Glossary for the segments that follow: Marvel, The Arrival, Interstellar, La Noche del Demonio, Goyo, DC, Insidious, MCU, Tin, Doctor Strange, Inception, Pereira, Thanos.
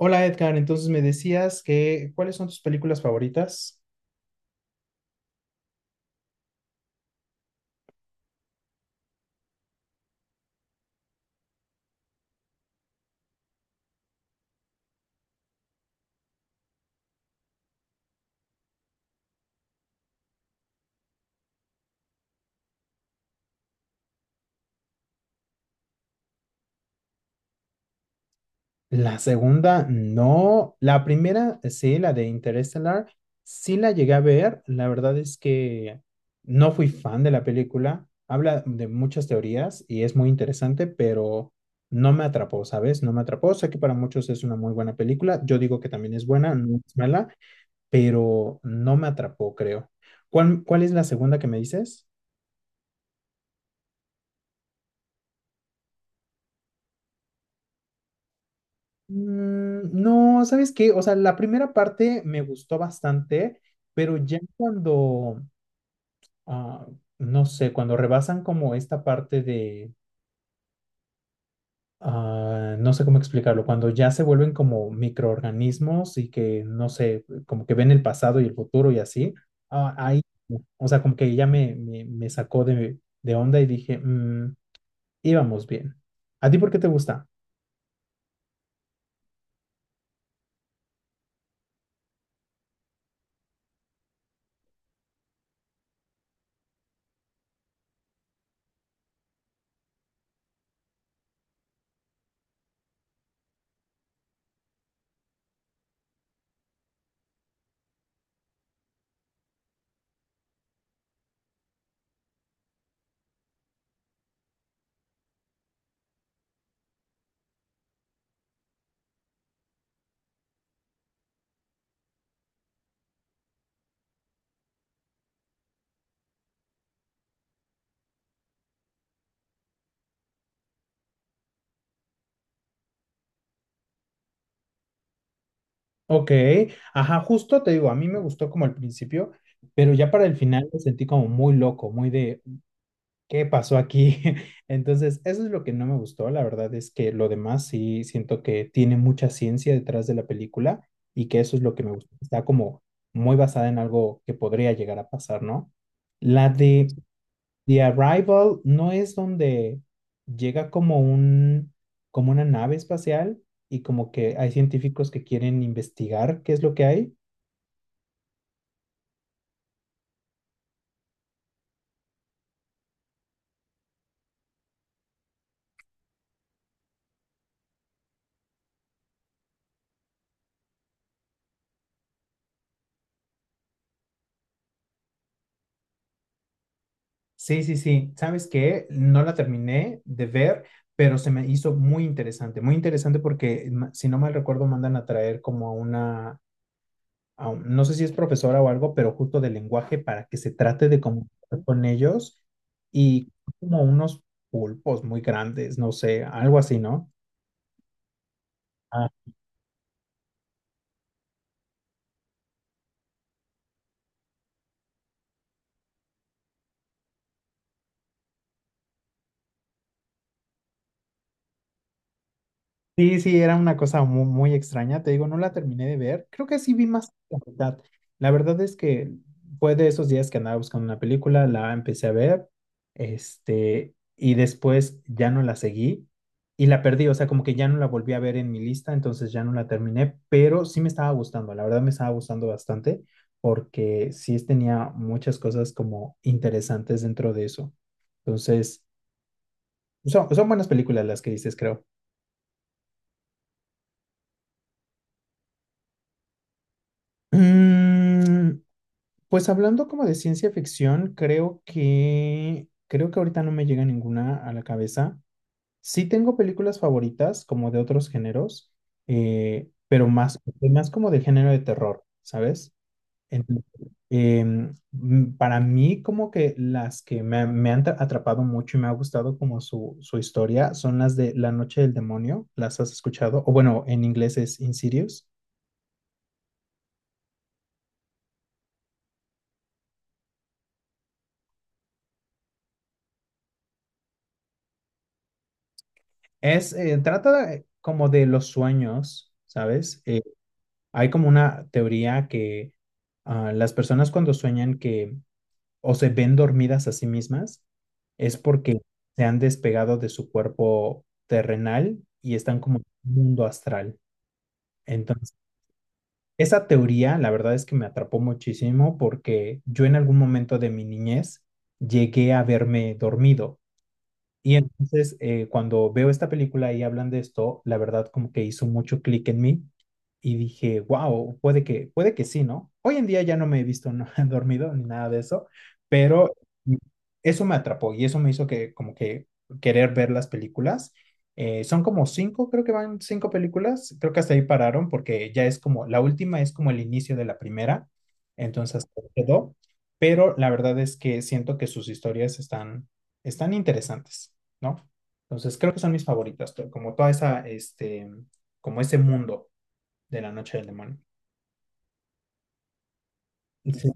Hola Edgar, entonces me decías que ¿cuáles son tus películas favoritas? La segunda, no. La primera, sí, la de Interstellar, sí la llegué a ver. La verdad es que no fui fan de la película. Habla de muchas teorías y es muy interesante, pero no me atrapó, ¿sabes? No me atrapó. Sé que para muchos es una muy buena película. Yo digo que también es buena, no es mala, pero no me atrapó, creo. ¿Cuál es la segunda que me dices? Mm, no, ¿sabes qué? O sea, la primera parte me gustó bastante, pero ya cuando, ah, no sé, cuando rebasan como esta parte de, no sé cómo explicarlo, cuando ya se vuelven como microorganismos y que, no sé, como que ven el pasado y el futuro y así, ahí, o sea, como que ya me sacó de onda y dije, "Mm, íbamos bien. ¿A ti por qué te gusta?" Ok, ajá, justo te digo, a mí me gustó como al principio, pero ya para el final me sentí como muy loco, muy de, ¿qué pasó aquí? Entonces, eso es lo que no me gustó, la verdad es que lo demás sí siento que tiene mucha ciencia detrás de la película y que eso es lo que me gustó, está como muy basada en algo que podría llegar a pasar, ¿no? La de The Arrival, ¿no es donde llega como un, como una nave espacial y como que hay científicos que quieren investigar qué es lo que hay? Sí, sí, sí. ¿Sabes qué? No la terminé de ver, pero se me hizo muy interesante porque, si no mal recuerdo, mandan a traer como a una, no sé si es profesora o algo, pero justo de lenguaje para que se trate de comunicar con ellos y como unos pulpos muy grandes, no sé, algo así, ¿no? Sí, sí, era una cosa muy, muy extraña. Te digo, no la terminé de ver. Creo que sí vi más de la mitad. La verdad es que fue de esos días que andaba buscando una película, la empecé a ver, y después ya no la seguí y la perdí. O sea, como que ya no la volví a ver en mi lista, entonces ya no la terminé, pero sí me estaba gustando. La verdad me estaba gustando bastante porque sí tenía muchas cosas como interesantes dentro de eso. Entonces, son buenas películas las que dices, creo. Mm, pues hablando como de ciencia ficción, creo que ahorita no me llega ninguna a la cabeza. Sí tengo películas favoritas como de otros géneros, pero más como del género de terror, ¿sabes? Entonces, para mí como que las que me han atrapado mucho y me ha gustado como su historia son las de La Noche del Demonio, ¿las has escuchado? O bueno, en inglés es Insidious. Es, como de los sueños, ¿sabes? Hay como una teoría que las personas cuando sueñan que o se ven dormidas a sí mismas es porque se han despegado de su cuerpo terrenal y están como en un mundo astral. Entonces, esa teoría, la verdad es que me atrapó muchísimo porque yo en algún momento de mi niñez llegué a verme dormido. Y entonces, cuando veo esta película y hablan de esto, la verdad como que hizo mucho clic en mí y dije, wow, puede que sí, ¿no? Hoy en día ya no me he visto no, dormido ni nada de eso, pero eso me atrapó y eso me hizo que como que querer ver las películas. Son como cinco, creo que van cinco películas, creo que hasta ahí pararon porque ya es como, la última es como el inicio de la primera, entonces quedó, pero la verdad es que siento que sus historias están, están interesantes, ¿no? Entonces creo que son mis favoritas, pero como toda esa, como ese mundo de La Noche del Demonio. Sí.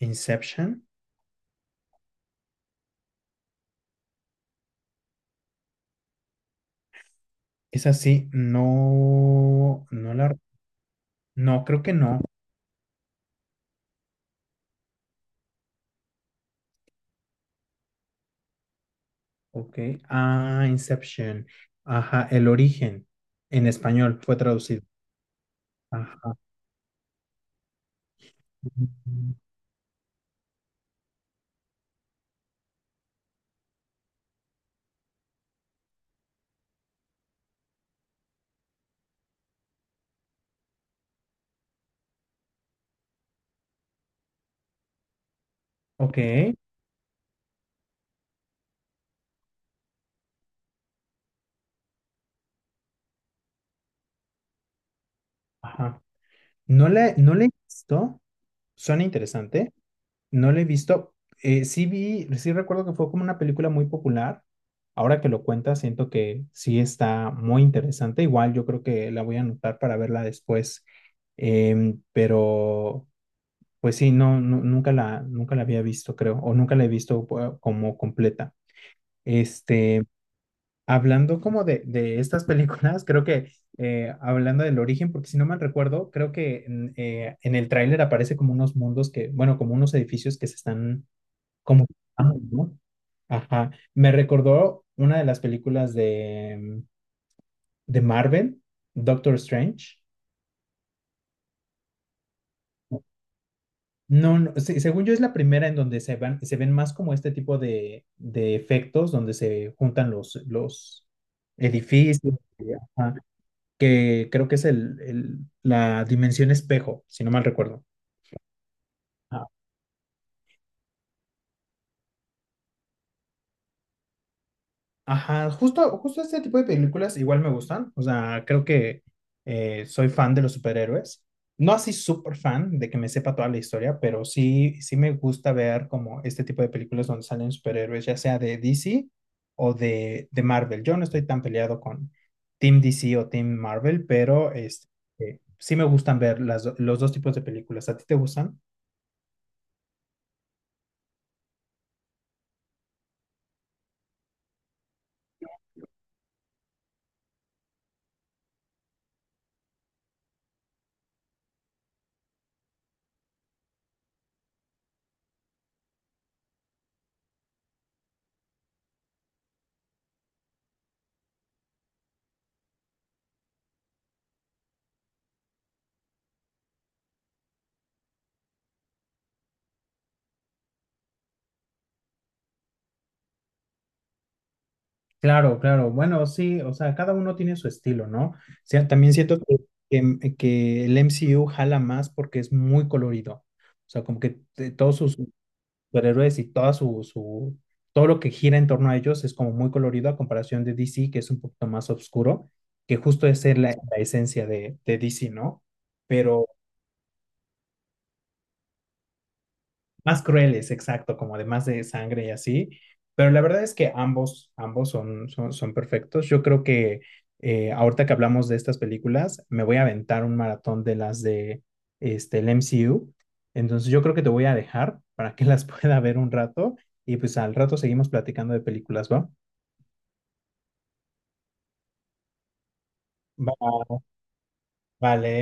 Inception, esa sí, no, creo que no. Ok, ah, Inception, ajá, el origen en español fue traducido. Ajá. Ok, ajá. No la he visto, suena interesante. No la he visto. Sí vi, sí recuerdo que fue como una película muy popular. Ahora que lo cuentas, siento que sí está muy interesante. Igual yo creo que la voy a anotar para verla después. Em, pero pues sí, nunca la, nunca la había visto, creo, o nunca la he visto como completa. Este, hablando como de estas películas, creo que hablando del origen, porque si no mal recuerdo, creo que en el tráiler aparece como unos mundos que, bueno, como unos edificios que se están como Thanos, ¿no? Ajá. Me recordó una de las películas de, mm, de Marvel, Doctor Strange. No, no, según yo es la primera en donde se van, se ven más como este tipo de efectos, donde se juntan los edificios, y, ajá, que creo que es la dimensión espejo, si no mal recuerdo. Ajá, justo este tipo de películas igual me gustan. O sea, creo que soy fan de los superhéroes. No así súper fan de que me sepa toda la historia, pero sí, sí me gusta ver como este tipo de películas donde salen superhéroes, ya sea de DC o de Marvel. Yo no estoy tan peleado con Team DC o Team Marvel, pero este, sí me gustan ver las los dos tipos de películas. ¿A ti te gustan? Claro, claro. Bueno, sí, o sea, cada uno tiene su estilo, ¿no? O sea, también siento que, que el MCU jala más porque es muy colorido. O sea, como que todos sus superhéroes y toda todo lo que gira en torno a ellos es como muy colorido a comparación de DC, que es un poquito más oscuro, que justo es la, la esencia de DC, ¿no? Pero más crueles, exacto, como además de sangre y así. Pero la verdad es que ambos, ambos son, son perfectos. Yo creo que ahorita que hablamos de estas películas, me voy a aventar un maratón de las de este, el MCU. Entonces yo creo que te voy a dejar para que las pueda ver un rato y pues al rato seguimos platicando de películas, ¿va? Va, vale.